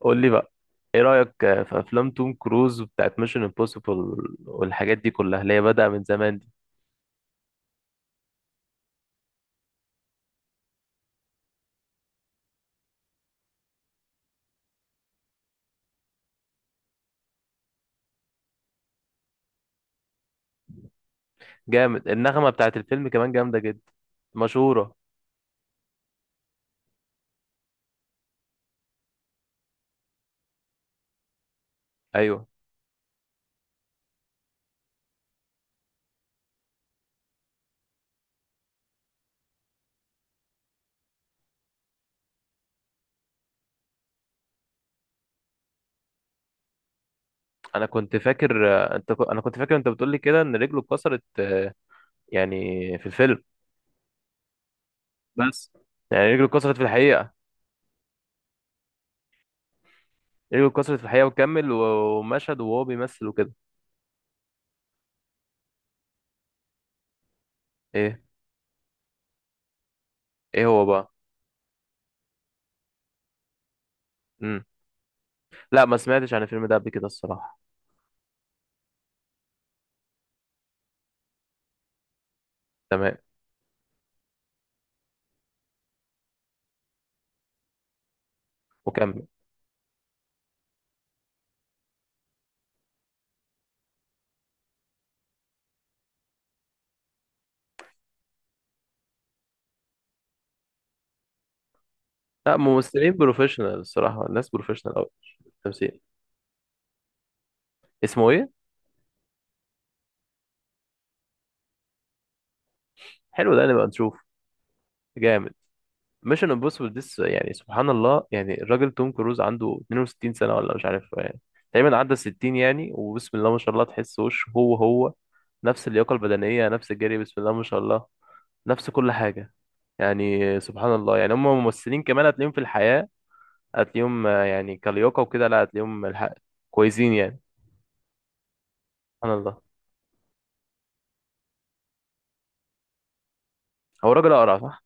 قول لي بقى، ايه رأيك في افلام توم كروز بتاعت ميشن امبوسيبل والحاجات دي كلها اللي هي بدأ من زمان دي. جامد. النغمة بتاعت الفيلم كمان جامدة جدا، مشهورة. ايوه. انا كنت فاكر. انا كنت فاكر انت بتقول لي كده ان رجله اتكسرت، يعني في الفيلم. بس يعني رجله اتكسرت في الحقيقة؟ رجله اتكسرت في الحقيقة وكمل ومشهد وهو بيمثل وكده. ايه، ايه هو بقى؟ امم لا، ما سمعتش عن الفيلم ده قبل كده الصراحة. تمام. وكمل. لا، ممثلين بروفيشنال الصراحة، الناس بروفيشنال أوي في التمثيل. اسمه إيه؟ حلو، ده نبقى نشوف. جامد. ميشن امبوسيبل ديس، يعني سبحان الله، يعني الراجل توم كروز عنده 62 سنة ولا مش عارف، يعني تقريبا عدى 60 يعني، وبسم الله ما شاء الله تحس وشه هو هو، نفس اللياقة البدنية، نفس الجري، بسم الله ما شاء الله. نفس كل حاجة، يعني سبحان الله. يعني هم ممثلين كمان هتلاقيهم في الحياة، هتلاقيهم يعني كلياقة وكده، لا هتلاقيهم الحق كويسين يعني. سبحان الله. هو راجل أقرع، صح؟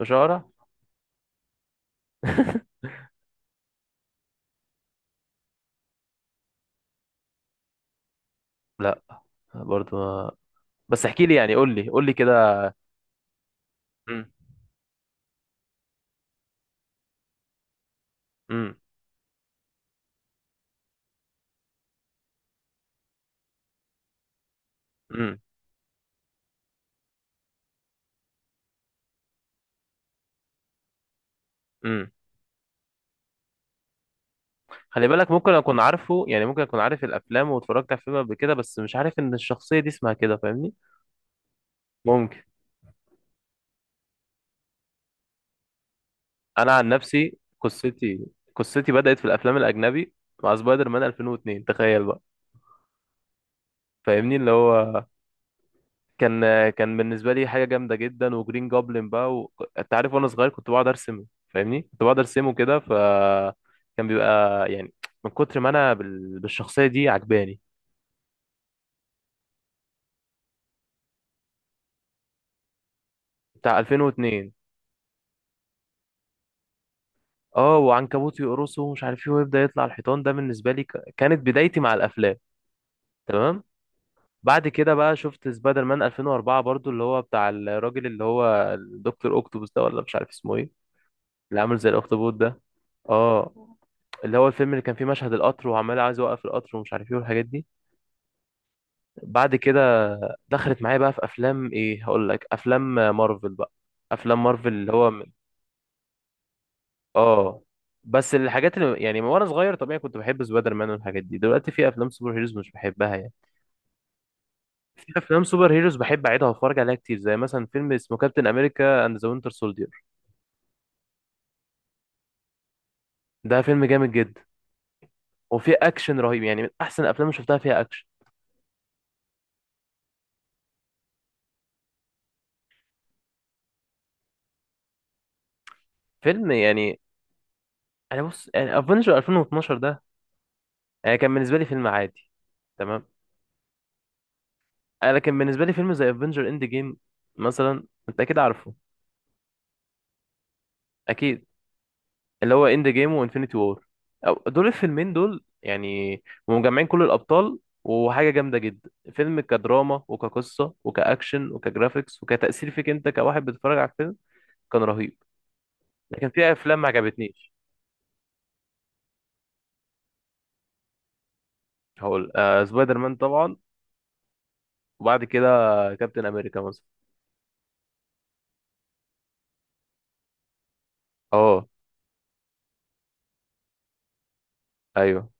مش أقرع؟ لا. برضو بس احكي لي، يعني قول لي، كده. مم. مم. مم. مم. خلي بالك، ممكن اكون عارفه يعني، ممكن اكون عارف الافلام واتفرجت على فيلم قبل كده بس مش عارف ان الشخصيه دي اسمها كده، فاهمني. ممكن. انا عن نفسي، قصتي بدات في الافلام الاجنبي مع سبايدر مان 2002، تخيل بقى. فاهمني اللي هو كان، كان بالنسبه لي حاجه جامده جدا، وجرين جوبلin بقى و... انت عارف، وانا صغير كنت بقعد ارسم، فاهمني، كنت بقعد ارسمه كده. ف كان بيبقى يعني، من كتر ما انا بالشخصيه دي عجباني. بتاع 2002. اه، وعنكبوت يقرصه ومش عارف ايه، ويبدا يطلع الحيطان، ده بالنسبه لي كانت بدايتي مع الافلام. تمام. بعد كده بقى شفت سبايدر مان 2004 برضو، اللي هو بتاع الراجل اللي هو الدكتور اوكتوبوس ده، ولا مش عارف اسمه ايه، اللي عامل زي الاخطبوط ده. اه. اللي هو الفيلم اللي كان فيه مشهد القطر، وعمال عايز يوقف القطر ومش عارف ايه، والحاجات دي. بعد كده دخلت معايا بقى في افلام ايه، هقول لك، افلام مارفل بقى. افلام مارفل اللي هو من- اه. بس الحاجات اللي يعني وانا صغير طبيعي كنت بحب سبايدر مان والحاجات دي، دلوقتي في افلام سوبر هيروز مش بحبها يعني. في افلام سوبر هيروز بحب اعيدها واتفرج عليها كتير، زي مثلا فيلم اسمه كابتن امريكا اند ذا وينتر سولدير. ده فيلم جامد جدا، وفيه اكشن رهيب، يعني من احسن الافلام اللي شفتها فيها اكشن. فيلم يعني، انا بص يعني افنجر 2012 كان بالنسبه لي فيلم عادي. تمام. لكن بالنسبه لي فيلم زي افنجر اند جيم مثلا، انت اكيد عارفه. اكيد. اللي هو اند جيم وانفينيتي وور، دول الفيلمين دول يعني مجمعين كل الابطال، وحاجه جامده جدا، فيلم كدراما وكقصه وكاكشن وكجرافيكس وكتاثير فيك انت كواحد بتتفرج على الفيلم، كان رهيب. لكن في افلام ما عجبتنيش. هقول آه سبايدر مان طبعا، وبعد كده كابتن امريكا مثلا. اه. ايوه.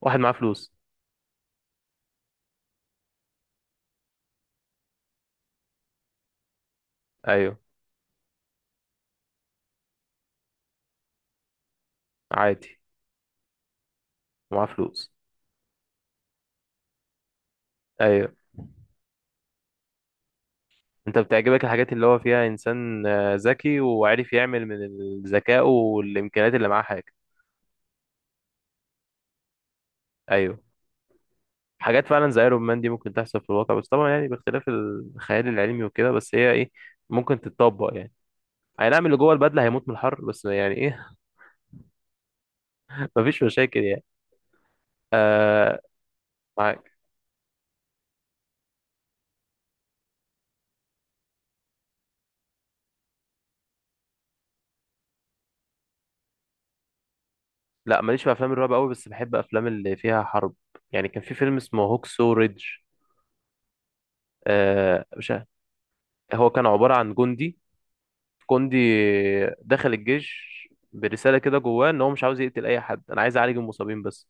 واحد معاه فلوس. ايوه عادي، ومعاه فلوس. ايوه. انت بتعجبك الحاجات اللي هو فيها انسان ذكي وعارف يعمل من الذكاء والامكانيات اللي معاه حاجه. ايوه. حاجات فعلا زي ايرون مان دي ممكن تحصل في الواقع، بس طبعا يعني باختلاف الخيال العلمي وكده، بس هي ايه، ممكن تتطبق يعني. اي نعم، اللي جوه البدله هيموت من الحر، بس يعني ايه، مفيش مشاكل يعني. آه. معاك. لا، ماليش في افلام الرعب قوي، بس بحب افلام اللي فيها حرب. يعني كان في فيلم اسمه هوكسو ريدج، آه مش عارف. هو كان عباره عن جندي، كوندي دخل الجيش برسالة كده جواه ان هو مش عاوز يقتل اي حد، انا عايز اعالج المصابين بس.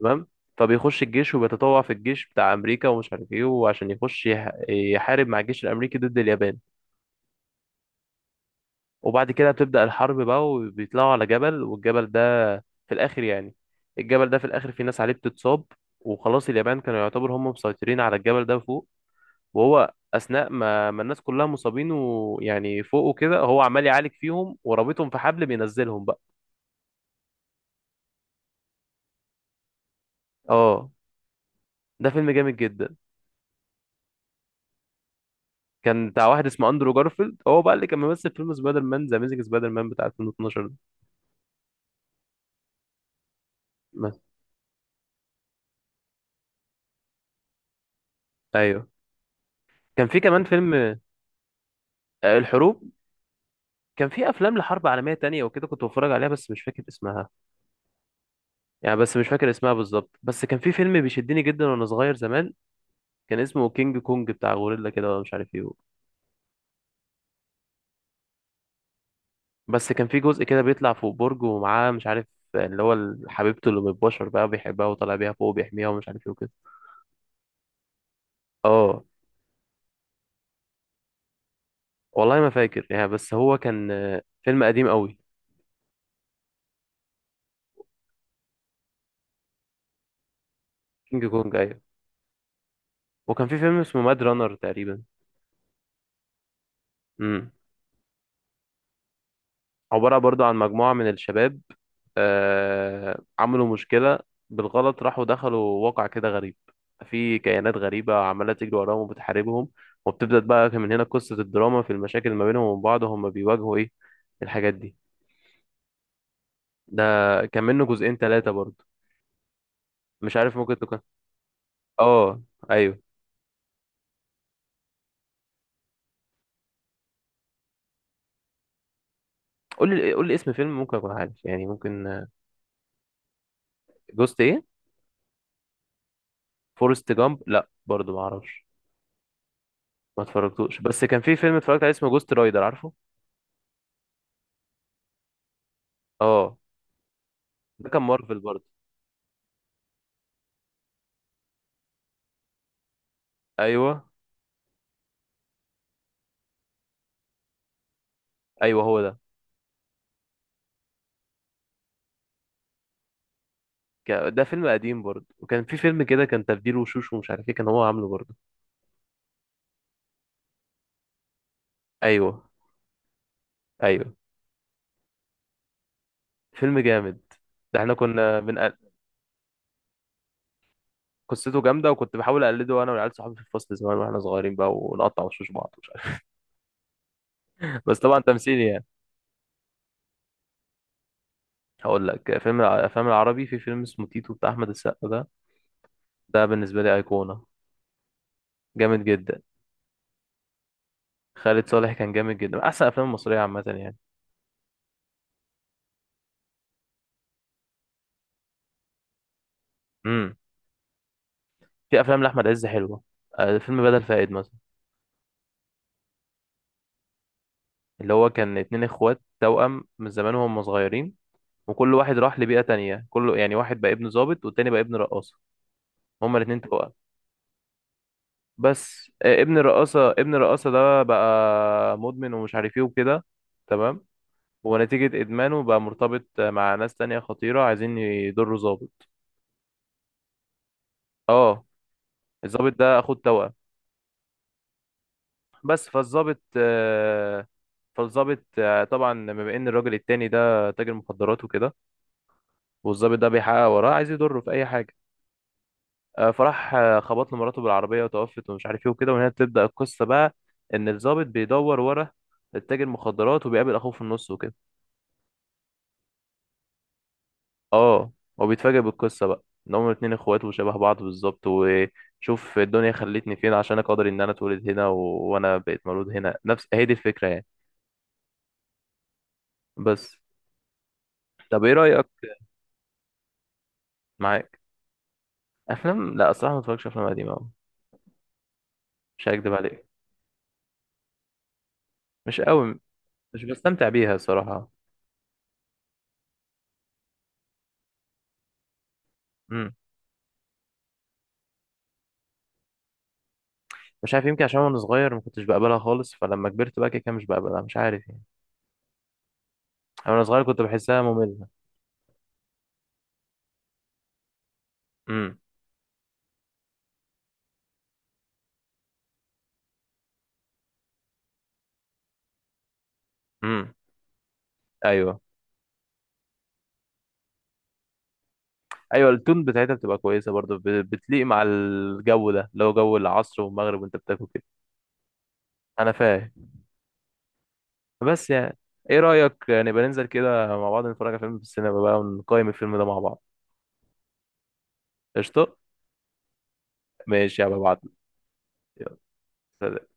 تمام. فبيخش الجيش وبيتطوع في الجيش بتاع امريكا ومش عارف ايه، وعشان يخش يحارب مع الجيش الامريكي ضد اليابان. وبعد كده بتبدأ الحرب بقى وبيطلعوا على جبل، والجبل ده في الاخر يعني، الجبل ده في الاخر في ناس عليه بتتصاب، وخلاص اليابان كانوا يعتبر هم مسيطرين على الجبل ده فوق. وهو اثناء ما الناس كلها مصابين ويعني فوق وكده، هو عمال يعالج فيهم ورابطهم في حبل بينزلهم. اه. ده فيلم جامد جدا. كان بتاع واحد اسمه اندرو جارفيلد، هو بقى اللي كان ممثل في فيلم سبايدر مان ذا اميزنج سبايدر مان بتاع 2012 ده. بس. ايوه، كان في كمان فيلم الحروب. كان في افلام لحرب عالميه تانية وكده كنت بتفرج عليها بس مش فاكر اسمها، يعني بس مش فاكر اسمها بالظبط. بس كان في فيلم بيشدني جدا وانا صغير زمان، كان اسمه كينج كونج بتاع غوريلا كده، ولا مش عارف ايه. بس كان في جزء كده بيطلع فوق برج ومعاه مش عارف، اللي هو حبيبته اللي بالبشر بقى بيحبها، وطالع بيها فوق وبيحميها ومش عارف ايه وكده. اه. والله ما فاكر يعني، بس هو كان فيلم قديم قوي. كينج كونج، ايوه. وكان في فيلم اسمه ماد رانر تقريبا. امم عبارة برضو عن مجموعة من الشباب، آه، عملوا مشكلة بالغلط، راحوا دخلوا واقع كده غريب، في كيانات غريبة عمالة تجري وراهم وبتحاربهم، وبتبدأ بقى من هنا قصة الدراما في المشاكل ما بينهم وبين بعض، وهم بيواجهوا ايه، الحاجات دي. ده كان منه جزئين ثلاثة برضو، مش عارف، ممكن تكون. اه، ايوه. قول لي، اسم فيلم ممكن اكون عارف، يعني ممكن. جوست ايه؟ فورست جامب، لا برضو ما اعرفش، ما اتفرجتوش. بس كان في فيلم اتفرجت عليه اسمه جوست رايدر، عارفه. اه. ده كان مارفل برضو. ايوه، ايوه هو ده. ده فيلم قديم برضو. وكان في فيلم كده كان تبديل وشوش ومش عارف ايه، كان هو عامله برضو. ايوه. ايوه. فيلم جامد. ده احنا كنا بنقل... قصته جامده، وكنت بحاول اقلده انا والعيال صحابي في الفصل زمان واحنا صغيرين بقى، ونقطع وشوش بعض مش عارف، بس طبعا تمثيل يعني. هقول لك فيلم، الافلام العربي في فيلم اسمه تيتو بتاع احمد السقا ده، ده بالنسبه لي ايقونه. جامد جدا. خالد صالح كان جامد جدا، من احسن الافلام المصريه عامه يعني. امم في افلام لاحمد عز حلوه، فيلم بدل فائد مثلا. اللي هو كان اتنين اخوات توأم من زمان وهم صغيرين، وكل واحد راح لبيئه تانية، كله يعني واحد بقى ابن ضابط والتاني بقى ابن رقاصه، هما الاتنين توأم. بس ابن الرقاصه ده بقى مدمن ومش عارف ايه وكده. تمام. ونتيجه ادمانه بقى مرتبط مع ناس تانية خطيره عايزين يضروا ضابط. اه. الضابط ده اخو التوأم. بس فالظابط طبعا، بما ان الراجل التاني ده تاجر مخدرات وكده، والظابط ده بيحقق وراه عايز يضره في اي حاجه. فراح خبط له مراته بالعربيه وتوفت ومش عارف ايه وكده، وهنا بتبدا القصه بقى، ان الظابط بيدور ورا التاجر مخدرات، وبيقابل اخوه في النص وكده. اه. وبيتفاجئ بالقصه بقى ان هما الاتنين اخوات وشبه بعض بالظبط. وشوف الدنيا خلتني فين عشان اقدر ان انا اتولد هنا و... وانا بقيت مولود هنا، نفس هي دي الفكره يعني. بس. طب ايه رايك؟ معاك. افلام، لا الصراحه ما بتفرجش افلام قديمه أوي. مش هكدب عليك. مش قوي، مش بستمتع بيها الصراحه. امم مش عارف، يمكن عشان وانا صغير ما كنتش بقبلها خالص، فلما كبرت بقى كده كده مش بقبلها، مش عارف يعني. أنا وانا صغير كنت بحسها ممله. امم امم ايوه. ايوه، التون بتاعتها بتبقى كويسه برضه، بتليق مع الجو ده اللي هو جو العصر والمغرب وانت بتاكل كده. انا فاهم. بس يعني، ايه رايك نبقى ننزل كده مع بعض، نتفرج على فيلم في السينما بقى، ونقيم الفيلم ده مع بعض؟ قشطه. ماشي يا ببعت. يلا. سلام.